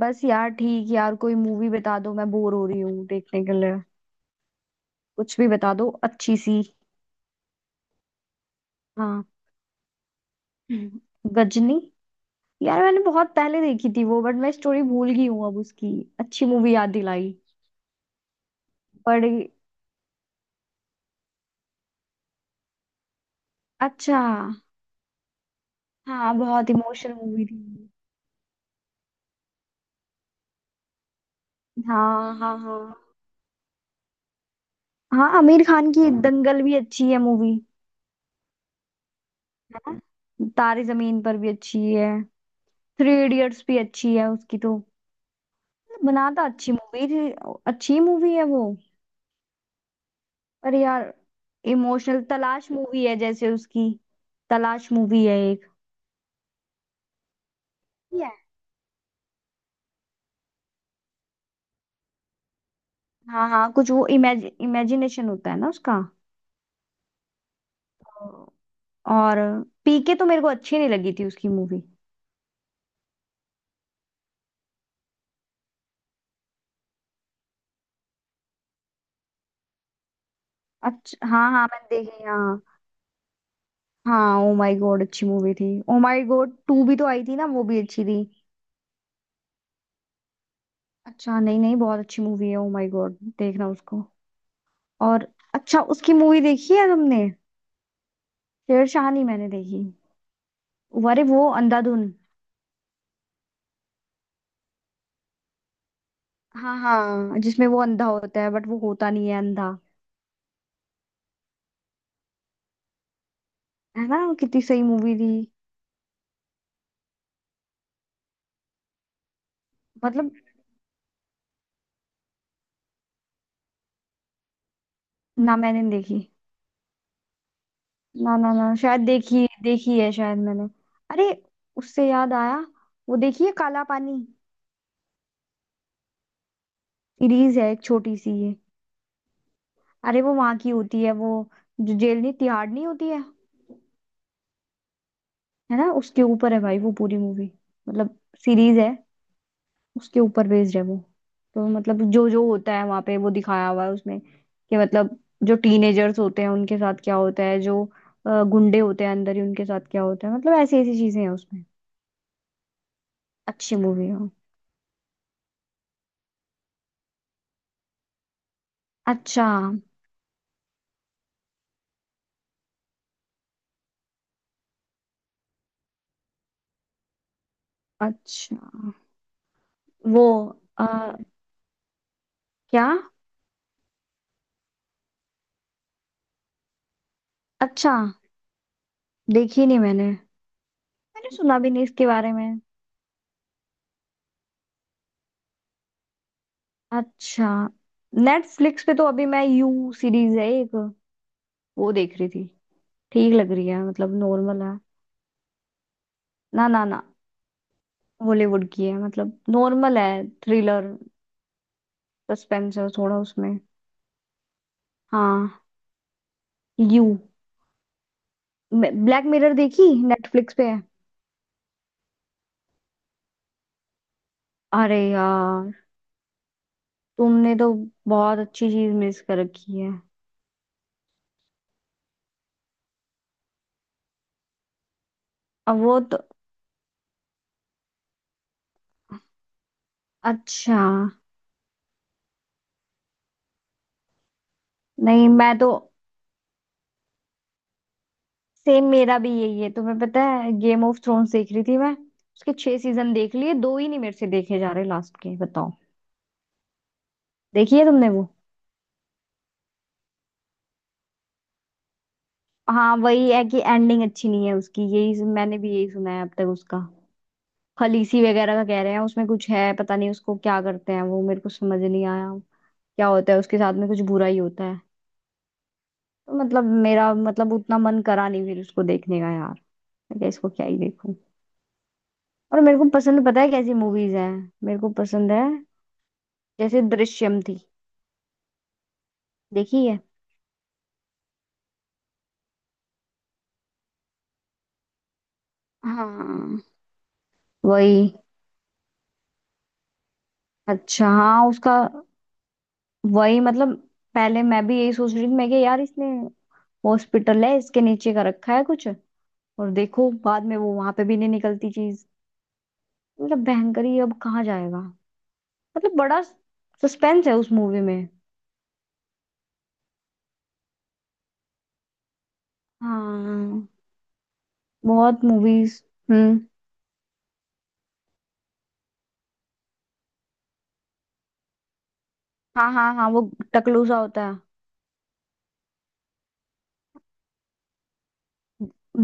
बस यार ठीक। यार कोई मूवी बता दो, मैं बोर हो रही हूँ देखने के लिए। कुछ भी बता दो अच्छी सी। हाँ, गजनी। यार मैंने बहुत पहले देखी थी वो, बट मैं स्टोरी भूल गई हूँ अब उसकी। अच्छी मूवी याद दिलाई। बड़ी। अच्छा। हाँ, बहुत इमोशनल मूवी थी। हाँ, हाँ, हाँ। हाँ, आमिर खान की दंगल भी अच्छी है मूवी। है ना। तारे जमीन पर भी अच्छी है। थ्री इडियट्स भी अच्छी है उसकी तो। बनाता अच्छी मूवी थी। अच्छी मूवी है वो। अरे यार, इमोशनल तलाश मूवी है जैसे उसकी। तलाश मूवी है एक। Yeah. हाँ हाँ, कुछ वो इमेज इमेजिनेशन होता है ना उसका। तो- और पीके तो मेरे को अच्छी नहीं लगी थी उसकी मूवी। अच्छा हाँ हाँ, मैंने देखी हाँ। हाँ, ओ माय गॉड अच्छी मूवी थी। ओ माय गॉड टू भी तो आई थी ना, वो भी अच्छी थी। अच्छा, नहीं नहीं, बहुत अच्छी मूवी है ओ माय गॉड, देखना उसको। और अच्छा, उसकी मूवी देखी है तुमने। शेरशाह नहीं मैंने देखी। अरे वो अंधाधुन। हाँ हाँ, जिसमें वो अंधा होता है बट वो होता नहीं है अंधा। है ना, कितनी सही मूवी थी। मतलब ना मैंने देखी। ना ना ना, शायद देखी, देखी है शायद मैंने। अरे, उससे याद आया, वो देखिए काला पानी। सीरीज है एक छोटी सी ये। अरे वो वहां की होती है वो, जो जेल नहीं, तिहाड़ नहीं होती है। है ना, उसके ऊपर है भाई वो पूरी मूवी। मतलब सीरीज है, उसके ऊपर बेस्ड है वो। तो मतलब जो जो होता है वहां पे वो दिखाया हुआ है उसमें कि मतलब जो टीनेजर्स होते हैं उनके साथ क्या होता है, जो गुंडे होते हैं अंदर, ही उनके साथ क्या होता है। मतलब ऐसी ऐसी चीजें हैं उसमें। अच्छी मूवी है वो। अच्छा। अच्छा। वो अ, क्या। अच्छा। देखी नहीं मैंने। मैंने सुना भी नहीं इसके बारे में। अच्छा। नेटफ्लिक्स पे तो अभी मैं यू सीरीज है एक, वो देख रही थी। ठीक लग रही है, मतलब नॉर्मल है। ना ना ना, बॉलीवुड की है, मतलब नॉर्मल है, थ्रिलर। सस्पेंस है थोड़ा उसमें। हाँ, यू। ब्लैक मिरर देखी, नेटफ्लिक्स पे है। अरे यार, तुमने तो बहुत अच्छी चीज मिस कर रखी है। अब वो तो। अच्छा। नहीं, मैं तो सेम मेरा भी यही है। तुम्हें पता है, गेम ऑफ थ्रोन्स देख रही थी मैं, उसके छह सीजन देख लिए, दो ही नहीं मेरे से देखे जा रहे लास्ट के, बताओ। देखी है तुमने वो। हाँ वही है कि एंडिंग अच्छी नहीं है उसकी, यही मैंने भी, यही सुना है अब तक उसका। खलीसी वगैरह का कह रहे हैं उसमें कुछ है, पता नहीं उसको क्या करते हैं वो, मेरे को समझ नहीं आया क्या होता है उसके साथ में, कुछ बुरा ही होता है। तो मतलब मेरा, मतलब उतना मन करा नहीं फिर उसको देखने का यार। मैं क्या, इसको क्या ही देखूं। और मेरे को पसंद पता है कैसी मूवीज हैं, मेरे को पसंद है, जैसे दृश्यम थी। देखी है। हाँ वही। अच्छा हाँ उसका। वही मतलब पहले मैं भी यही सोच रही थी मैं कि यार इसने हॉस्पिटल है इसके नीचे का रखा है कुछ, और देखो बाद में वो वहां पे भी नहीं निकलती चीज। मतलब भयंकरी, अब कहाँ जाएगा, मतलब बड़ा सस्पेंस है उस मूवी में। हाँ बहुत मूवीज। हम्म। हाँ हाँ हाँ, वो टकलू सा होता है।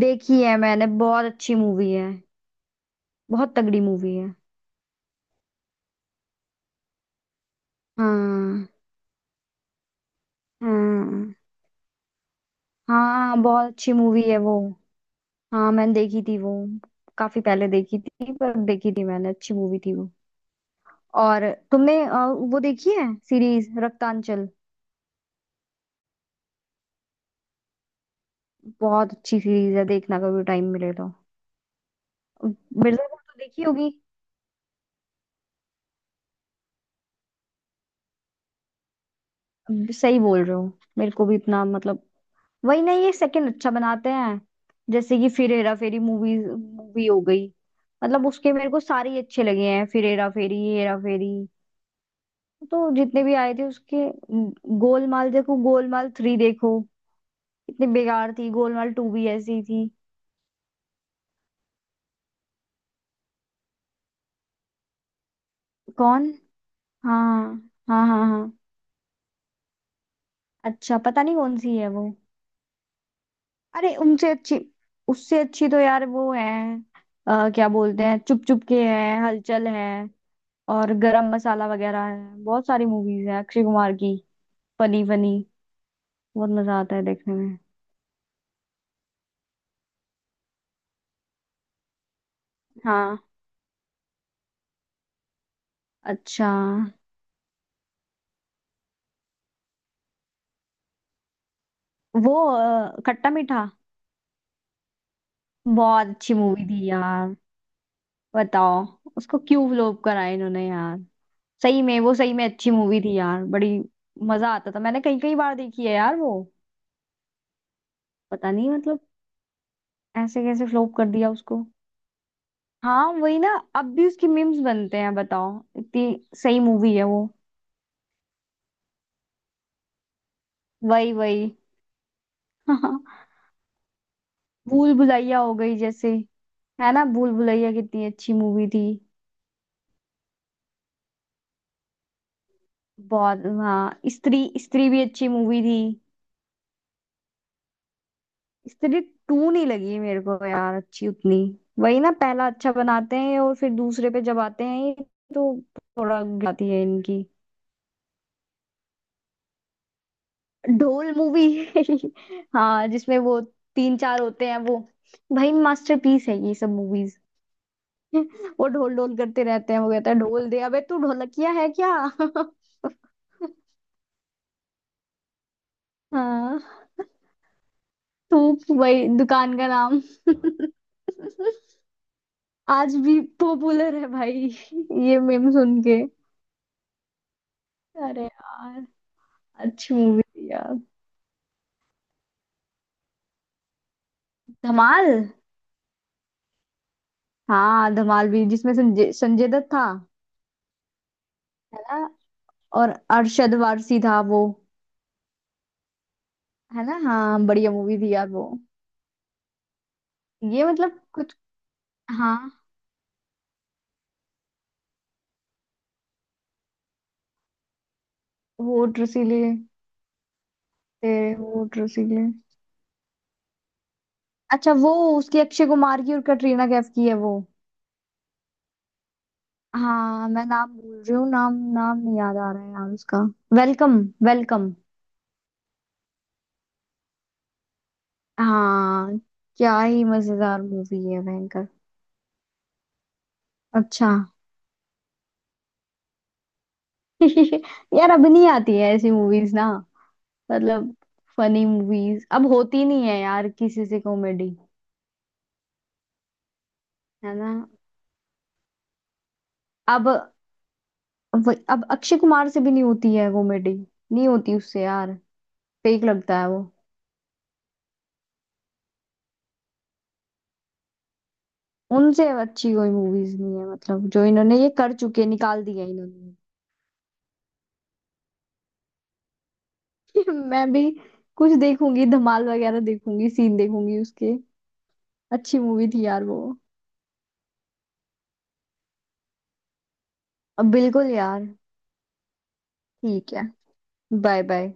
देखी है मैंने, बहुत अच्छी मूवी है। बहुत तगड़ी मूवी है। हाँ। हाँ। हाँ, बहुत अच्छी मूवी है वो। हाँ मैंने देखी थी वो, काफी पहले देखी थी पर देखी थी मैंने, अच्छी मूवी थी वो। और तुमने वो देखी है सीरीज रक्तांचल। बहुत अच्छी सीरीज है, देखना कभी टाइम मिले तो। मिर्जापुर तो देखी होगी। अब सही बोल रहे हो, मेरे को भी इतना मतलब, वही ना, ये सेकंड अच्छा बनाते हैं। जैसे कि फिर हेरा फेरी मूवी मूवी हो गई, मतलब उसके मेरे को सारे ही अच्छे लगे हैं, फिर हेरा फेरी, ये हेरा फेरी, तो जितने भी आए थे उसके। म, गोलमाल देखो, गोलमाल थ्री देखो, इतनी बेकार थी, गोलमाल टू भी ऐसी थी। कौन। हाँ हाँ हाँ। हाँ। अच्छा, पता नहीं कौन सी है वो। अरे उनसे अच्छी, उससे अच्छी तो यार वो है, क्या बोलते हैं, चुप चुप के है, हलचल है, और गरम मसाला वगैरह है, बहुत सारी मूवीज है अक्षय कुमार की। फनी फनी, बहुत मजा आता है देखने में। हाँ। अच्छा। वो खट्टा मीठा, बहुत अच्छी मूवी थी यार। बताओ, उसको क्यों फ्लॉप करा इन्होंने यार। सही में, वो सही में अच्छी मूवी थी यार, बड़ी मजा आता था, मैंने कई कई बार देखी है यार वो। पता नहीं मतलब, ऐसे कैसे फ्लॉप कर दिया उसको। हाँ वही ना, अब भी उसकी मीम्स बनते हैं, बताओ, इतनी सही मूवी है वो। वही वही। भूल भुलैया हो गई जैसे, है ना, भूल भुलैया कितनी अच्छी मूवी थी। बहुत। हाँ, स्त्री। स्त्री भी अच्छी मूवी थी। स्त्री टू नहीं लगी मेरे को यार अच्छी उतनी। वही ना, पहला अच्छा बनाते हैं और फिर दूसरे पे जब आते हैं ये, तो थोड़ा गिराती है इनकी। ढोल मूवी। हाँ जिसमें वो तीन चार होते हैं वो, भाई मास्टरपीस है ये सब मूवीज। वो ढोल ढोल करते रहते हैं, वो कहता है ढोल दे, अबे तू ढोलकिया है क्या। हाँ, थूक, वही दुकान का नाम। आज भी पॉपुलर है भाई ये मेम सुन के। अरे यार, अच्छी मूवी थी यार, धमाल। हाँ, धमाल भी, जिसमें संजय संजय दत्त था। है ना। और अरशद वारसी था वो। है ना। हाँ बढ़िया मूवी थी यार वो। ये मतलब कुछ। हाँ, होठ रसीले, तेरे होठ रसीले। अच्छा वो, उसकी अक्षय कुमार की और कटरीना कैफ की है वो। हाँ, मैं नाम भूल रही हूँ, नाम नाम नहीं याद आ रहा है यार उसका। वेलकम। वेलकम। हाँ, क्या ही मजेदार मूवी है भयंकर। अच्छा। यार अब नहीं आती है ऐसी मूवीज ना। मतलब फनी मूवीज अब होती नहीं है यार, किसी से कॉमेडी। है ना। अब। अब अक्षय कुमार से भी नहीं होती है कॉमेडी, नहीं होती उससे यार, फेक लगता है। उनसे अच्छी कोई मूवीज नहीं है, मतलब जो इन्होंने, ये कर चुके, निकाल दिया इन्होंने। मैं भी कुछ देखूंगी, धमाल वगैरह देखूंगी, सीन देखूंगी उसके। अच्छी मूवी थी यार वो। अब बिल्कुल यार। ठीक है बाय। बाय